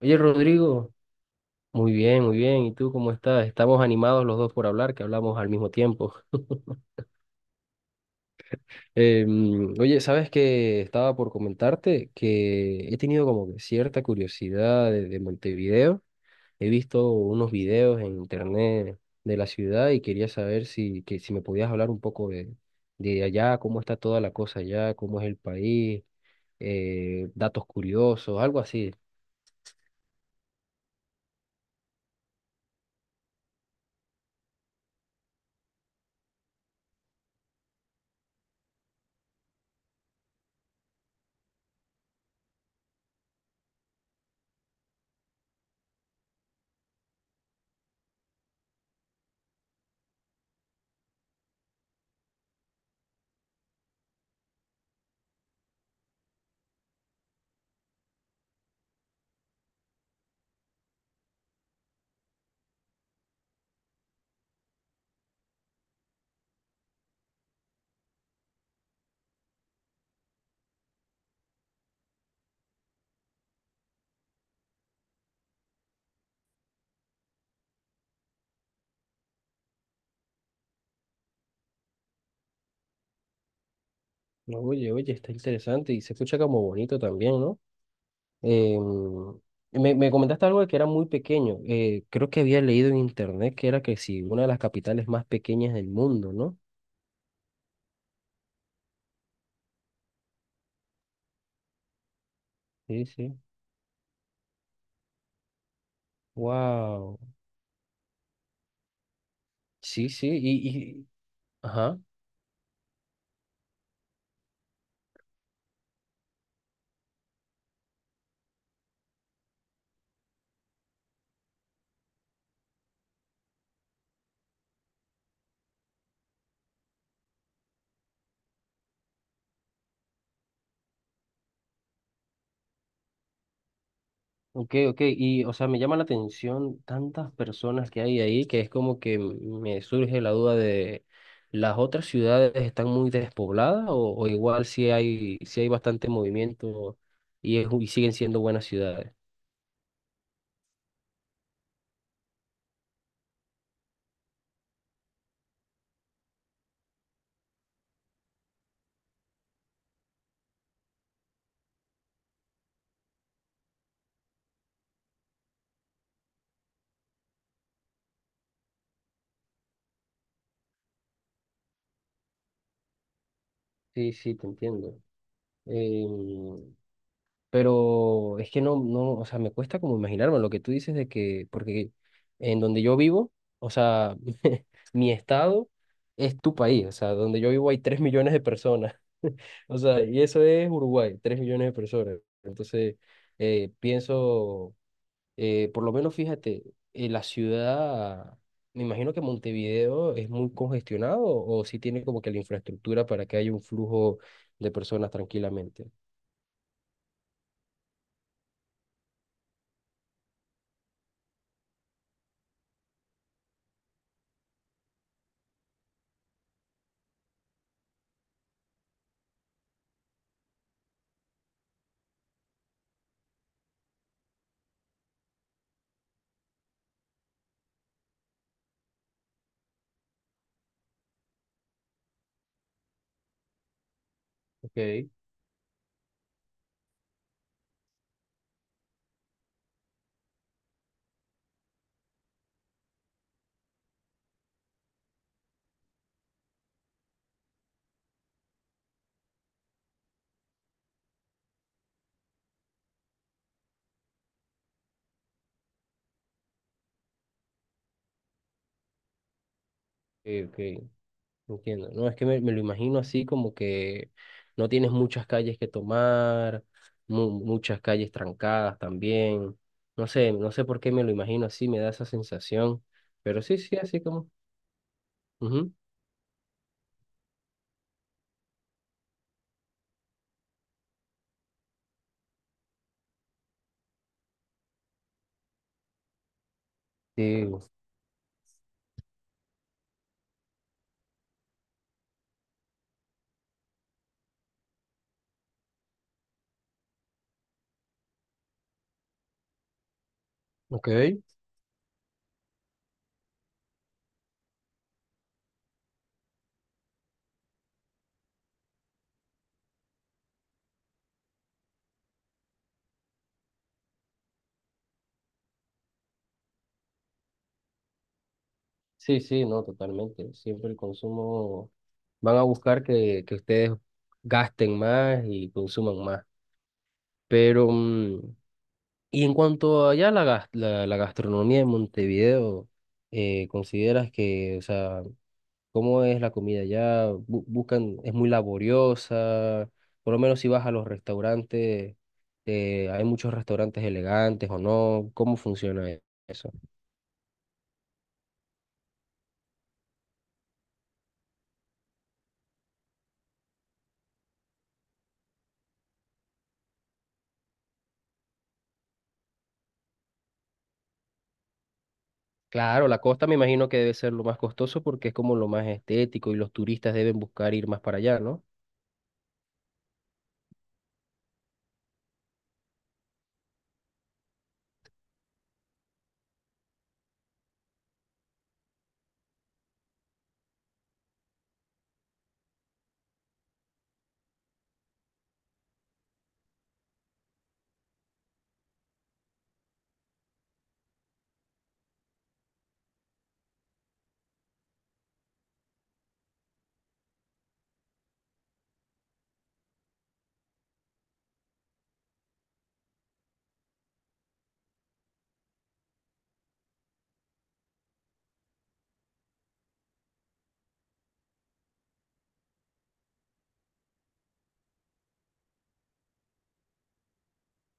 Oye, Rodrigo, muy bien, muy bien. ¿Y tú cómo estás? Estamos animados los dos por hablar, que hablamos al mismo tiempo. Oye, ¿sabes que estaba por comentarte que he tenido como que cierta curiosidad de Montevideo? He visto unos videos en internet de la ciudad y quería saber si me podías hablar un poco de allá, cómo está toda la cosa allá, cómo es el país, datos curiosos, algo así. Oye, oye, está interesante y se escucha como bonito también. Em, me comentaste algo de que era muy pequeño. Creo que había leído en internet que era que sí, una de las capitales más pequeñas del mundo, ¿no? Sí, sí. Wow. Sí, sí. Ajá. Ok, ok. Y, o sea, me llama la atención tantas personas que hay ahí, que es como que me surge la duda de, ¿las otras ciudades están muy despobladas o igual si hay bastante movimiento y, y siguen siendo buenas ciudades? Sí, sí, te entiendo. Em, Pero es que no, no, o sea, me cuesta como imaginarme lo que tú dices de que, porque en donde yo vivo, o sea, mi estado es tu país, o sea, donde yo vivo hay tres millones de personas, o sea, y eso es Uruguay, 3 millones de personas. Entonces, pienso, por lo menos fíjate, la ciudad, me imagino que Montevideo es muy congestionado, o si tiene como que la infraestructura para que haya un flujo de personas tranquilamente. Ok, ok. Ok. Entiendo, no, es que me lo imagino así como que no tienes muchas calles que tomar, muchas calles trancadas también. No sé, no sé por qué me lo imagino así, me da esa sensación, pero sí, sí, así como. Ujú. Sí. Ok, sí, sí, no, totalmente. Siempre el consumo, van a buscar que ustedes gasten más y consuman más. Pero, y en cuanto allá a la gastronomía de Montevideo, ¿consideras que, o sea, cómo es la comida allá? Buscan, es muy laboriosa. Por lo menos si vas a los restaurantes, hay muchos restaurantes elegantes o no. ¿Cómo funciona eso? Claro, la costa me imagino que debe ser lo más costoso, porque es como lo más estético y los turistas deben buscar ir más para allá, ¿no?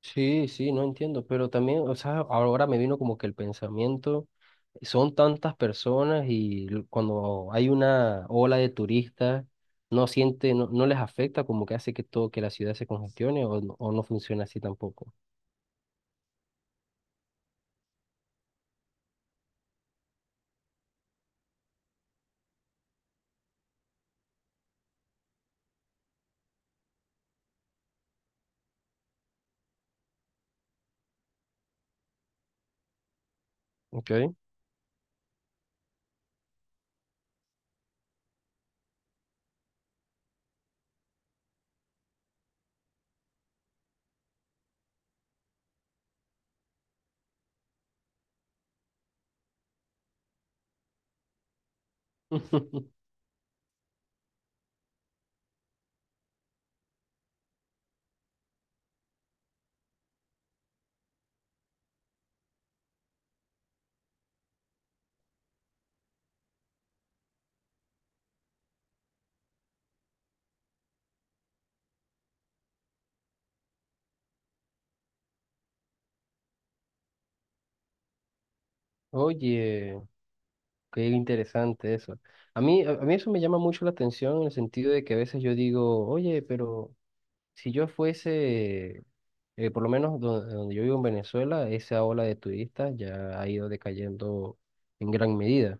Sí, sí, no entiendo, pero también, o sea, ahora me vino como que el pensamiento, son tantas personas y cuando hay una ola de turistas, no siente, no, no les afecta, como que hace que todo, que la ciudad se congestione o, o no funciona así tampoco. ¿Ok? Oye, qué interesante eso. A mí eso me llama mucho la atención en el sentido de que a veces yo digo, oye, pero si yo fuese, por lo menos donde, yo vivo en Venezuela, esa ola de turistas ya ha ido decayendo en gran medida.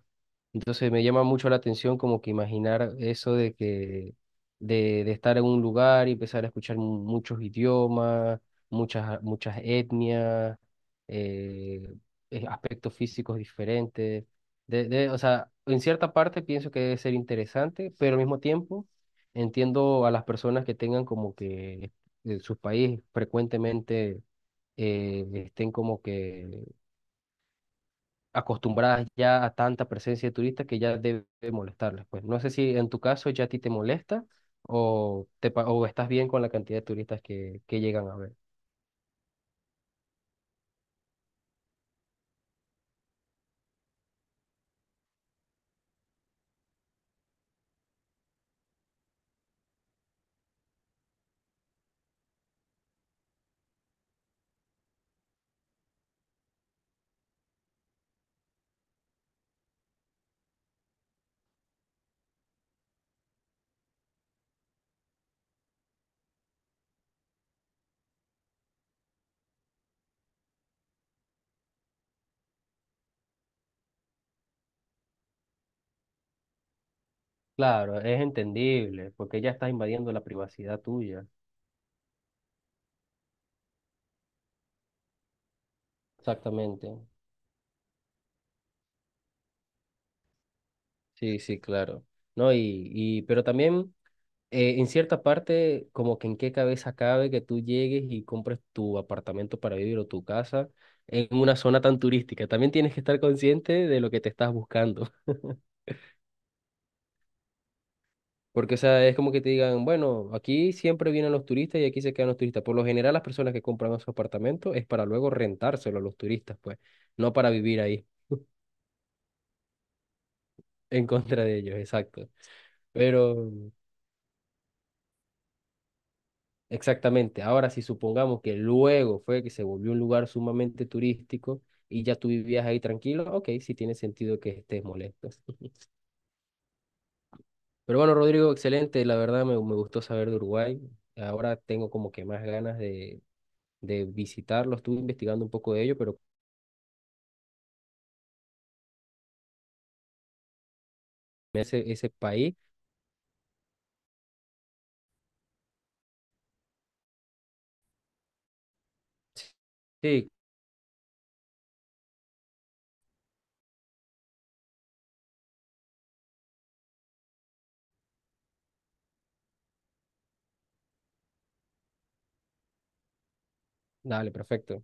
Entonces me llama mucho la atención como que imaginar eso de que de estar en un lugar y empezar a escuchar muchos idiomas, muchas etnias, eh, aspectos físicos diferentes. O sea, en cierta parte pienso que debe ser interesante, pero al mismo tiempo entiendo a las personas que tengan como que en su país frecuentemente estén como que acostumbradas ya a tanta presencia de turistas, que ya debe molestarles. Pues no sé si en tu caso ya a ti te molesta o, o estás bien con la cantidad de turistas que llegan a ver. Claro, es entendible, porque ya estás invadiendo la privacidad tuya. Exactamente. Sí, sí, claro. No, y pero también en cierta parte, como que en qué cabeza cabe que tú llegues y compres tu apartamento para vivir o tu casa en una zona tan turística. También tienes que estar consciente de lo que te estás buscando. Porque, o sea, es como que te digan, bueno, aquí siempre vienen los turistas y aquí se quedan los turistas. Por lo general, las personas que compran su apartamento es para luego rentárselo a los turistas, pues, no para vivir ahí, en contra de ellos, exacto. Pero exactamente. Ahora, si supongamos que luego fue que se volvió un lugar sumamente turístico y ya tú vivías ahí tranquilo, ok, sí tiene sentido que estés molesto. Pero bueno, Rodrigo, excelente. La verdad me gustó saber de Uruguay. Ahora tengo como que más ganas de visitarlo. Estuve investigando un poco de ello, pero ese país. Sí, dale, perfecto.